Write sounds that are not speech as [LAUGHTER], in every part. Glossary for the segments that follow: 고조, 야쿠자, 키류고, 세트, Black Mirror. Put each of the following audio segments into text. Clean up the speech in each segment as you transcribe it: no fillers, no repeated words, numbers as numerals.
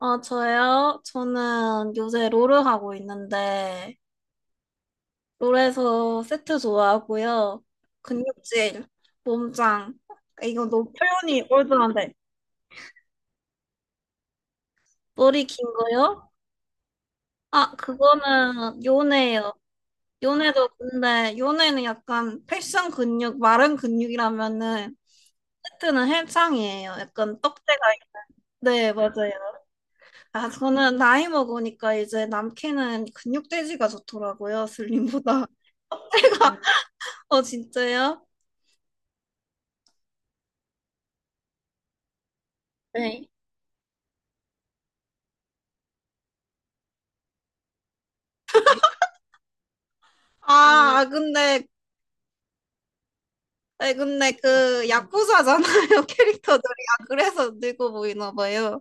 아, 저요? 저는 요새 롤을 하고 있는데, 롤에서 세트 좋아하고요. 근육질, 몸짱. 이거 너무 표현이 올드한데. 머리 긴 거요? 아, 그거는 요네예요. 요네도 근데, 요네는 약간 패션 근육, 마른 근육이라면은, 세트는 헬창이에요. 약간 떡대가, 있는데 네, 맞아요. 아, 저는 나이 먹으니까 이제 남캐는 근육돼지가 좋더라고요, 슬림보다. [LAUGHS] 어, 진짜요? 네. 아, 근데, 아, 근데 그, 야쿠자잖아요, [LAUGHS] 캐릭터들이. 아, 그래서 늙어 보이나 봐요.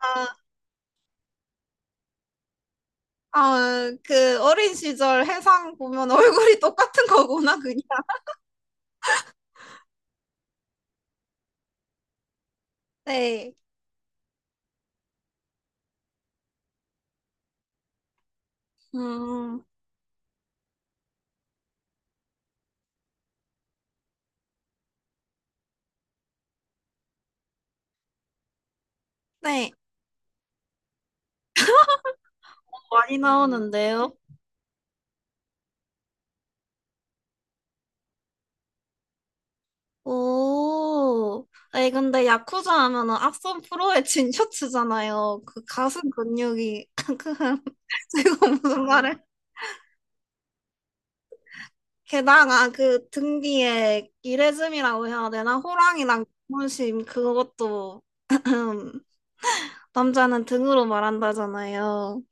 아, 그, 어린 시절 해상 보면 얼굴이 똑같은 거구나, 그냥. 네. 음, 네. 많이 나오는데요. 오. 아니, 근데 야쿠자 하면은 악선 프로의 진 셔츠잖아요. 그 가슴 근육이. [LAUGHS] 그, 제가 무슨 말을. 게다가 그 등 뒤에 이레즘이라고 해야 되나? 호랑이랑 문심 그것도 [LAUGHS] 남자는 등으로 말한다잖아요.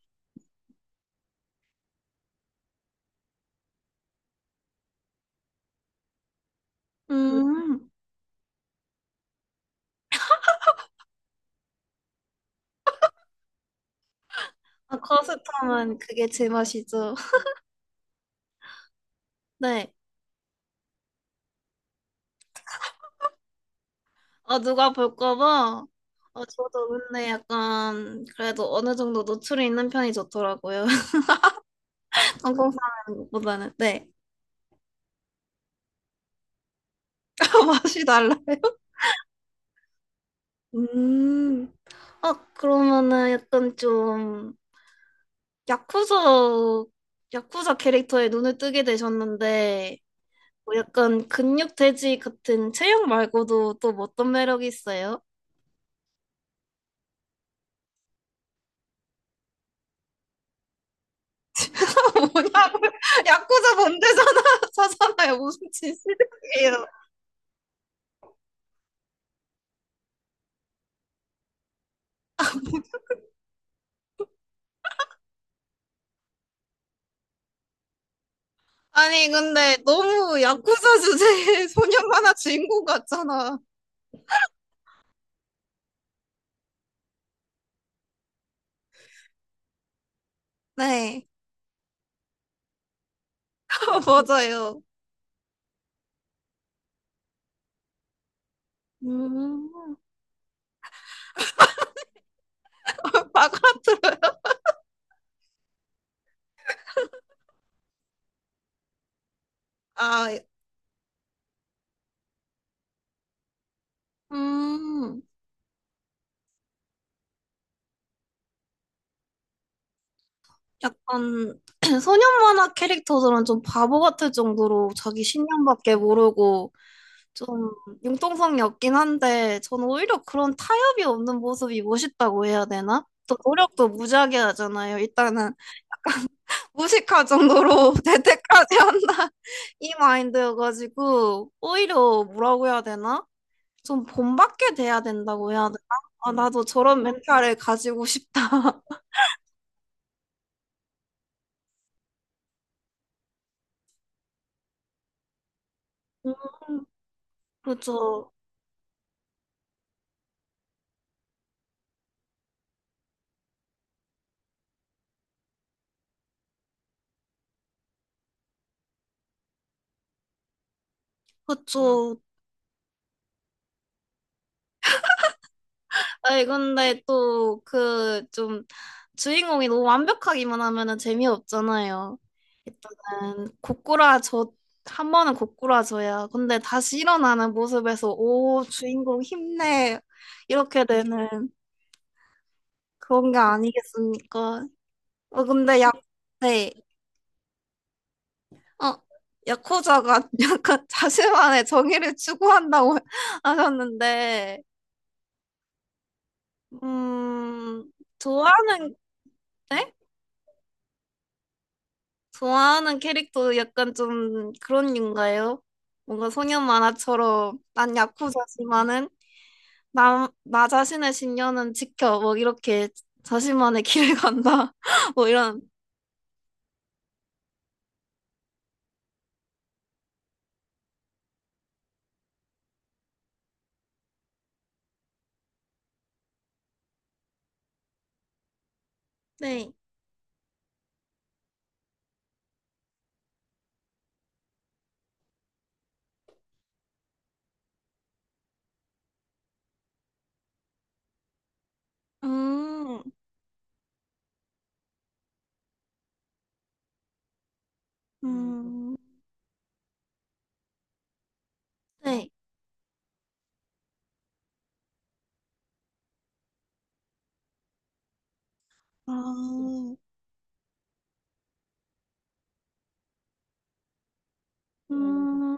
음, 아, 커스텀은 그게 제맛이죠. [LAUGHS] 네. 어, 누가 볼까 봐. 어, 저도 근데 약간 그래도 어느 정도 노출이 있는 편이 좋더라고요. [LAUGHS] 항공사보다는 네. [LAUGHS] 맛이 달라요. 음. 어, 그러면은 약간 좀 야쿠자, 야쿠자 캐릭터에 눈을 뜨게 되셨는데, 뭐 약간 근육 돼지 같은 체형 말고도 또 뭐 어떤 매력이 있어요? [LAUGHS] 뭐냐고. 야쿠자 본대잖아 [LAUGHS] 사잖아요. 무슨 진실이에요. 아니 근데 너무 야쿠자 주제의 [LAUGHS] 소년 만화 주인공 같잖아. 네. [LAUGHS] 맞아요. 음, [LAUGHS] 바가트아. 음. 약간 [CLEARS THROAT] 소년 만화 캐릭터들은 좀 바보 같을 정도로 자기 신념밖에 모르고 좀 융통성이 없긴 한데 저는 오히려 그런 타협이 없는 모습이 멋있다고 해야 되나? 또 노력도 무지하게 하잖아요. 일단은 무식할 정도로 [LAUGHS] 대퇴까지 한다 이 마인드여가지고 오히려 뭐라고 해야 되나? 좀 본받게 돼야 된다고 해야 되나? 아 나도 저런 멘탈을 가지고 싶다. [LAUGHS] 음, 그죠. 그쵸. 아니, 근데 또, 그, 좀, 주인공이 너무 완벽하기만 하면은 재미없잖아요. 일단은, 고꾸라져, 한 번은 고꾸라져야. 근데 다시 일어나는 모습에서, 오, 주인공 힘내. 이렇게 되는 그런 게 아니겠습니까? 어, 근데 야, 네. 어, 야쿠자가 [LAUGHS] 약간 자신만의 정의를 추구한다고 [LAUGHS] 하셨는데, 음, 좋아하는, 네? 좋아하는 캐릭터 약간 좀 그런 류인가요? 뭔가 소년 만화처럼 난 야쿠자지만은 나 자신의 신념은 지켜 뭐 이렇게 자신만의 길을 간다 [LAUGHS] 뭐 이런. 네. 음, 음, 네. 아, 음,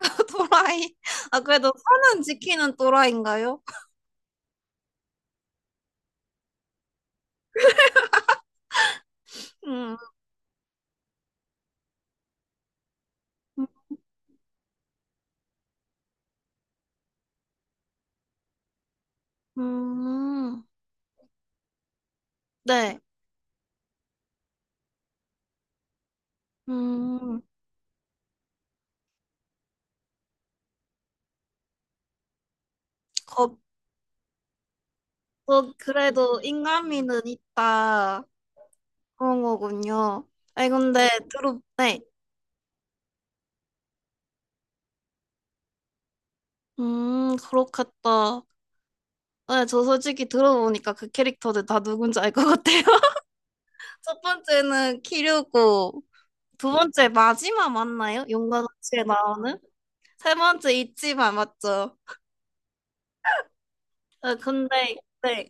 [LAUGHS] 또라이. 아, 그래도 선은 지키는 또라이인가요? 음, 음, 네. 음, 겁, 어, 그래도 인간미는 있다. 그런 거군요. 아니, 근데, 들어, 네. 그렇겠다. 네, 저 솔직히 들어보니까 그 캐릭터들 다 누군지 알 것 같아요. [LAUGHS] 첫 번째는 키류고, 두 번째 마지막 맞나요? 용과 같이 나오는? 세 번째 있지만 맞죠? 네, 근데, 네.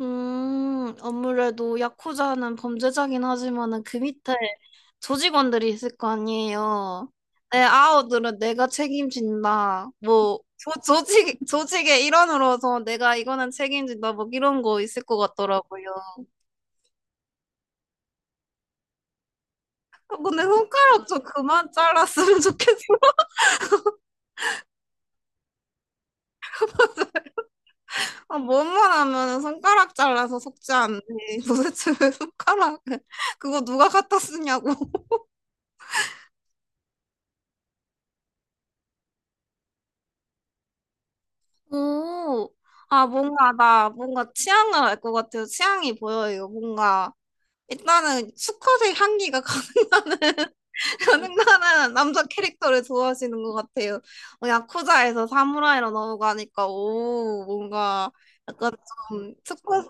아무래도 야쿠자는 범죄자긴 하지만은 그 밑에 조직원들이 있을 거 아니에요. 내 아우들은 내가 책임진다. 뭐 조, 조직 조직의 일원으로서 내가 이거는 책임진다. 뭐 이런 거 있을 것 같더라고요. 아, 근데 손가락 좀 그만 잘랐으면 좋겠어. [LAUGHS] 아, 뭐만 하면은 손가락 잘라서 속지 않네. [LAUGHS] 도대체 왜 손가락을. 그거 누가 갖다 쓰냐고. 오, 아, 뭔가, 나, 뭔가 취향을 알 것 같아요. 취향이 보여요. 뭔가, 일단은 수컷의 향기가 [LAUGHS] 가능한 남자 캐릭터를 좋아하시는 것 같아요. 어, 야쿠자에서 사무라이로 넘어가니까, 오, 뭔가, 약간 좀, 수컷,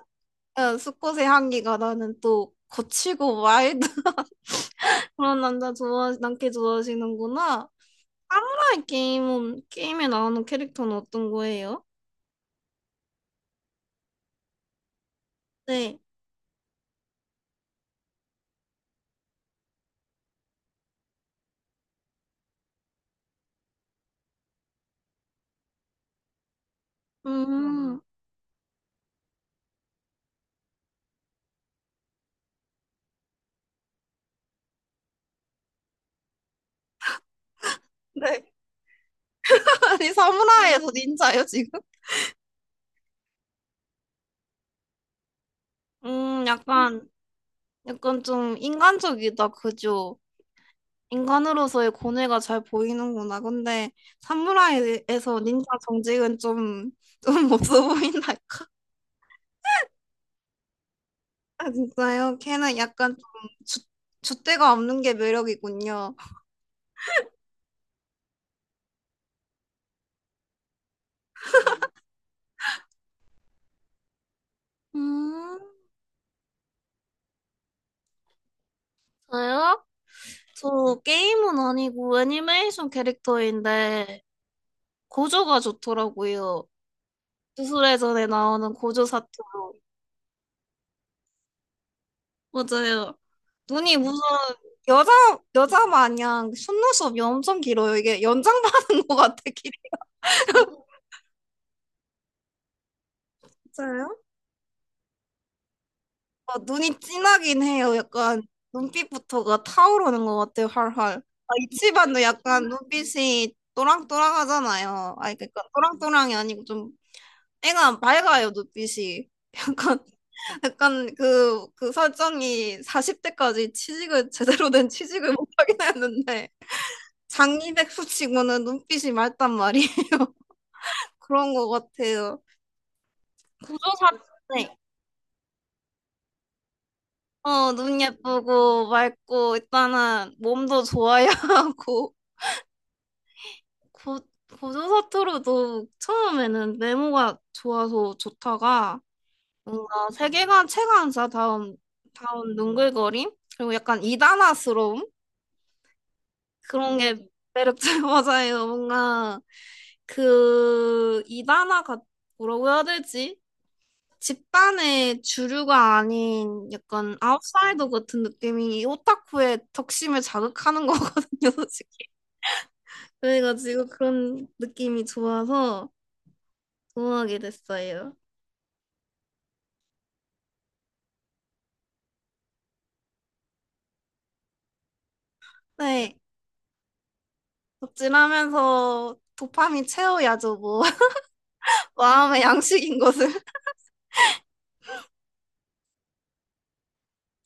어, 수컷의 향기가 나는 또, 거칠고 와일드 [LAUGHS] 그런 남자 좋아, 남캐 좋아하시는구나. 사무라이 게임은, 게임에 나오는 캐릭터는 어떤 거예요? 네. 음, 네. 아니, 사무라이에서 닌자예요, 지금? 약간, 약간 좀 인간적이다, 그죠? 인간으로서의 고뇌가 잘 보이는구나. 근데 사무라이에서 닌자 정직은 좀, 좀 [LAUGHS] 없어 보인달까? 아, 진짜요? 걔는 약간 좀 주, 줏대가 없는 게 매력이군요. 음, 저요? 저 게임은 아니고 애니메이션 캐릭터인데 고조가 좋더라고요. 주술회전에 나오는 고조. 맞아요. 눈이 무슨 여자 여자 마냥 속눈썹이 엄청 길어요. 이게 연장받은 [LAUGHS] 것 같아 길이. 진짜요? 아, 눈이 진하긴 해요. 약간 눈빛부터가 타오르는 것 같아요. 활활. 아, 이치반도 약간 눈빛이 또랑또랑하잖아요. 아니 그러니까 또랑또랑이 아니고 좀 애가 밝아요 눈빛이. [LAUGHS] 약간 약간 그 설정이 40대까지 취직을 제대로 된 취직을 못하긴 했는데. 장이백수 치고는 눈빛이 맑단 말이에요. [LAUGHS] 그런 것 같아요. 구조사. 네. 어, 눈 예쁘고 맑고 일단은 몸도 좋아야 [LAUGHS] 하고 고, 고조사투로도 처음에는 외모가 좋아서 좋다가 뭔가 세계관 체감사 다운 다운 눈글거림 그리고 약간 이단아스러움 그런 게 매력적 [LAUGHS] 맞아요. 뭔가 그 이단아가 뭐라고 해야 되지? 집단의 주류가 아닌 약간 아웃사이더 같은 느낌이 이 오타쿠의 적심을 자극하는 [LAUGHS] 거거든요, 솔직히. 저희가 지금 그런 느낌이 좋아서 좋아하게 됐어요. 네, 덕질하면서 도파민 채워야죠, 뭐. [LAUGHS] 마음의 양식인 것을.